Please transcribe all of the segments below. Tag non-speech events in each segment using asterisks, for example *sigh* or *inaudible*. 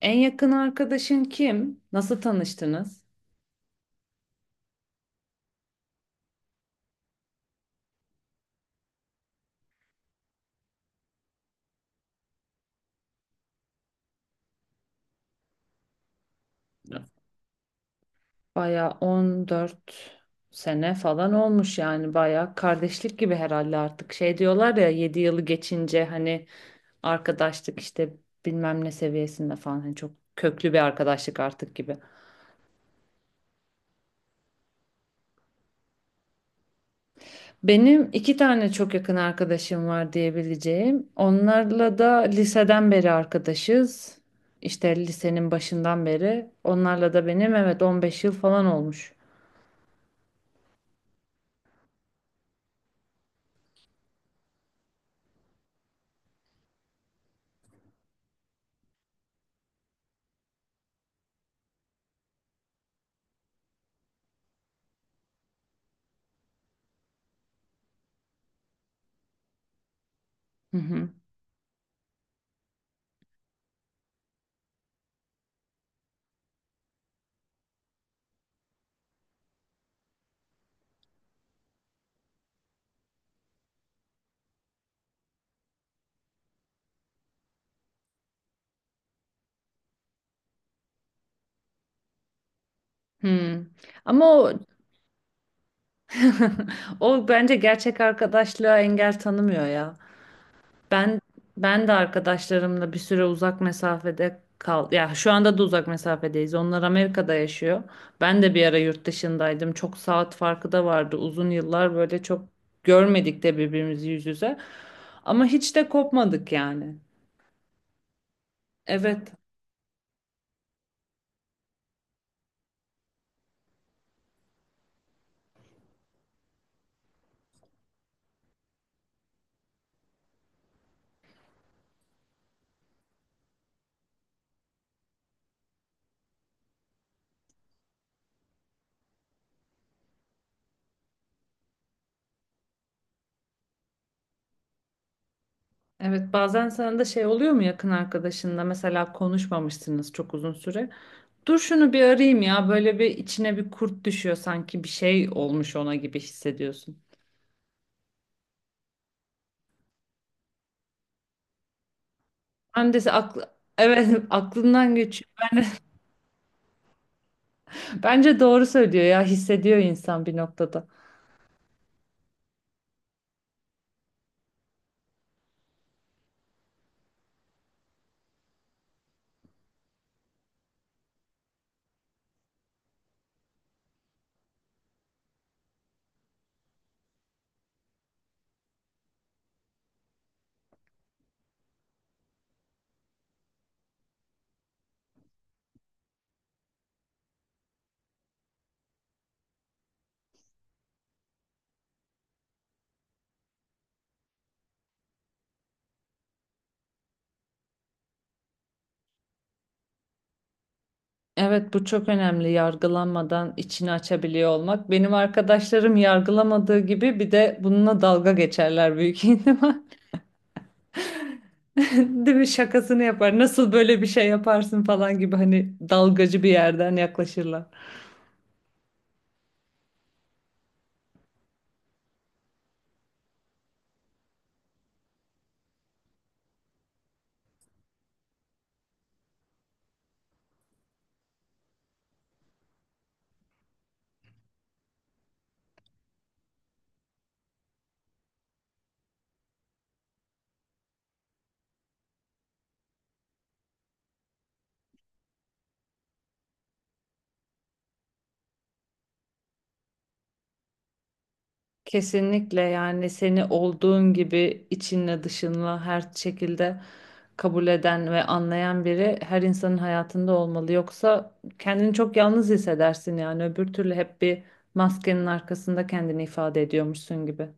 En yakın arkadaşın kim? Nasıl tanıştınız? Ya, baya 14 sene falan olmuş yani baya kardeşlik gibi herhalde artık. Şey diyorlar ya 7 yılı geçince hani arkadaşlık işte bilmem ne seviyesinde falan hani çok köklü bir arkadaşlık artık gibi. Benim iki tane çok yakın arkadaşım var diyebileceğim. Onlarla da liseden beri arkadaşız. İşte lisenin başından beri. Onlarla da benim evet 15 yıl falan olmuş. Hı hı. Hmm. Ama o *laughs* o bence gerçek arkadaşlığa engel tanımıyor ya. Ben ben de arkadaşlarımla bir süre uzak mesafede kal. Ya şu anda da uzak mesafedeyiz. Onlar Amerika'da yaşıyor. Ben de bir ara yurt dışındaydım. Çok saat farkı da vardı. Uzun yıllar böyle çok görmedik de birbirimizi yüz yüze. Ama hiç de kopmadık yani. Evet. Evet, bazen sana da şey oluyor mu yakın arkadaşınla mesela konuşmamışsınız çok uzun süre. Dur şunu bir arayayım ya. Böyle bir içine bir kurt düşüyor sanki bir şey olmuş ona gibi hissediyorsun. Ben de aklı, evet *laughs* aklından geçiyor. Bence doğru söylüyor ya hissediyor insan bir noktada. Evet bu çok önemli yargılanmadan içini açabiliyor olmak. Benim arkadaşlarım yargılamadığı gibi bir de bununla dalga geçerler büyük ihtimal. *laughs* Değil mi? Şakasını yapar. Nasıl böyle bir şey yaparsın falan gibi hani dalgacı bir yerden yaklaşırlar. Kesinlikle yani seni olduğun gibi içinle dışınla her şekilde kabul eden ve anlayan biri her insanın hayatında olmalı. Yoksa kendini çok yalnız hissedersin yani öbür türlü hep bir maskenin arkasında kendini ifade ediyormuşsun gibi.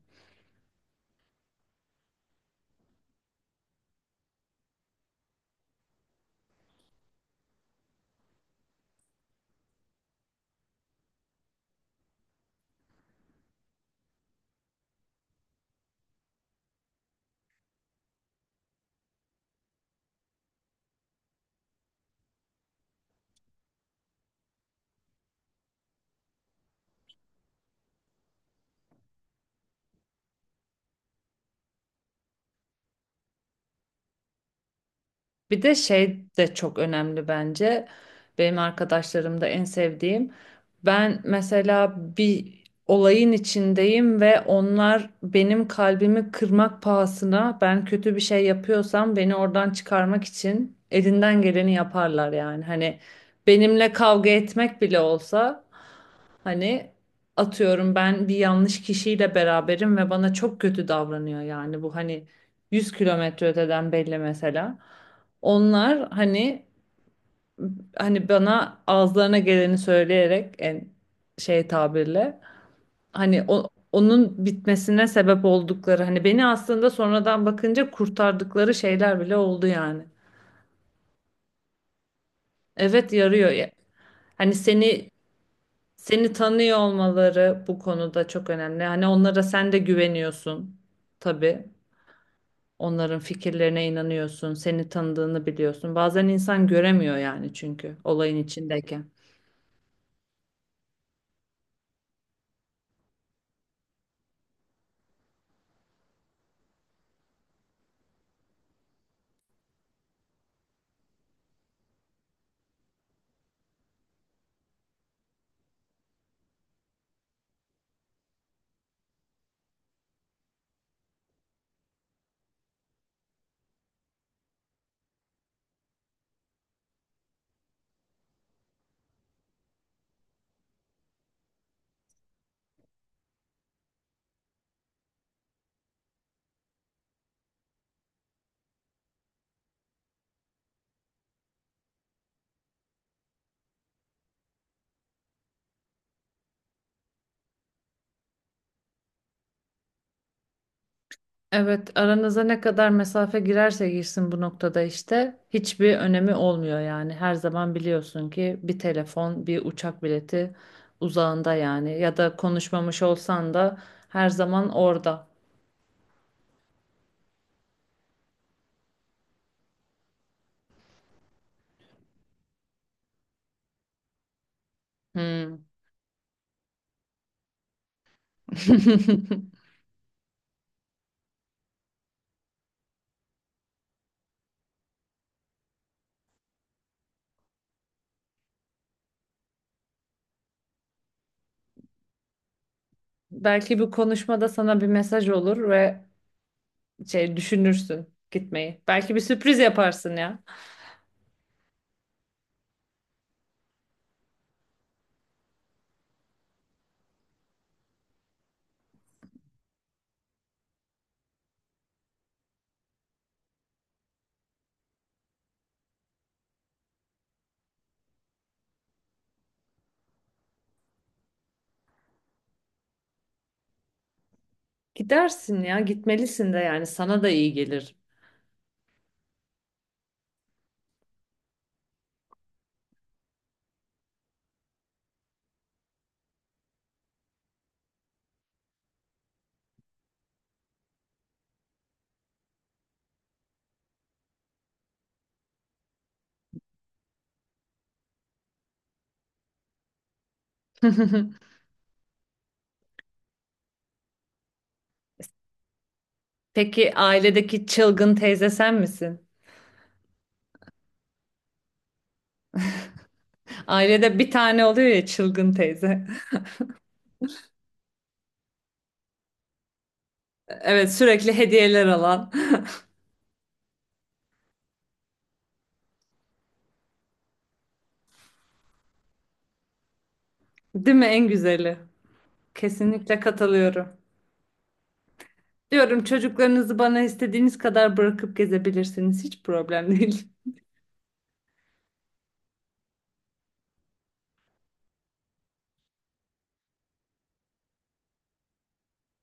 Bir de şey de çok önemli bence. Benim arkadaşlarımda en sevdiğim. Ben mesela bir olayın içindeyim ve onlar benim kalbimi kırmak pahasına ben kötü bir şey yapıyorsam beni oradan çıkarmak için elinden geleni yaparlar yani. Hani benimle kavga etmek bile olsa hani atıyorum ben bir yanlış kişiyle beraberim ve bana çok kötü davranıyor yani bu hani 100 kilometre öteden belli mesela. Onlar hani bana ağızlarına geleni söyleyerek en şey tabirle hani onun bitmesine sebep oldukları hani beni aslında sonradan bakınca kurtardıkları şeyler bile oldu yani. Evet yarıyor ya. Hani seni tanıyor olmaları bu konuda çok önemli. Hani onlara sen de güveniyorsun tabii. Onların fikirlerine inanıyorsun, seni tanıdığını biliyorsun. Bazen insan göremiyor yani çünkü olayın içindeyken. Evet, aranıza ne kadar mesafe girerse girsin bu noktada işte hiçbir önemi olmuyor yani. Her zaman biliyorsun ki bir telefon, bir uçak bileti uzağında yani ya da konuşmamış olsan da her zaman orada. Hmm. *laughs* Belki bu konuşmada sana bir mesaj olur ve şey düşünürsün gitmeyi. Belki bir sürpriz yaparsın ya. Gidersin ya, gitmelisin de yani sana da iyi gelir. *laughs* Peki ailedeki çılgın teyze sen misin? Ailede bir tane oluyor ya çılgın teyze. *laughs* Evet sürekli hediyeler alan. Değil mi en güzeli? Kesinlikle katılıyorum. Diyorum çocuklarınızı bana istediğiniz kadar bırakıp gezebilirsiniz. Hiç problem değil. *laughs*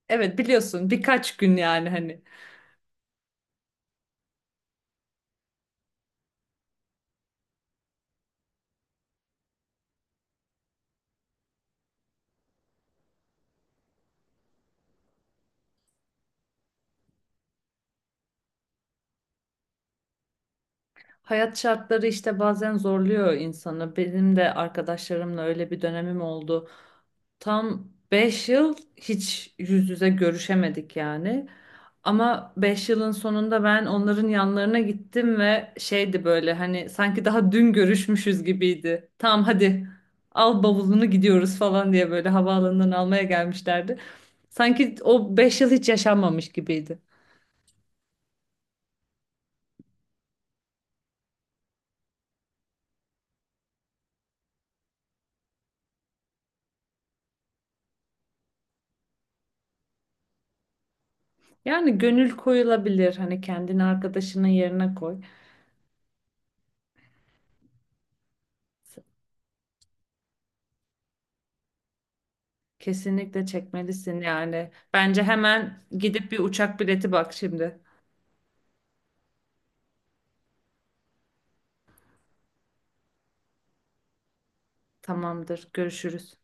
Evet biliyorsun birkaç gün yani hani. Hayat şartları işte bazen zorluyor insanı. Benim de arkadaşlarımla öyle bir dönemim oldu. Tam 5 yıl hiç yüz yüze görüşemedik yani. Ama 5 yılın sonunda ben onların yanlarına gittim ve şeydi böyle hani sanki daha dün görüşmüşüz gibiydi. Tamam hadi al bavulunu gidiyoruz falan diye böyle havaalanından almaya gelmişlerdi. Sanki o 5 yıl hiç yaşanmamış gibiydi. Yani gönül koyulabilir hani kendini arkadaşının yerine koy. Kesinlikle çekmelisin yani. Bence hemen gidip bir uçak bileti bak şimdi. Tamamdır. Görüşürüz.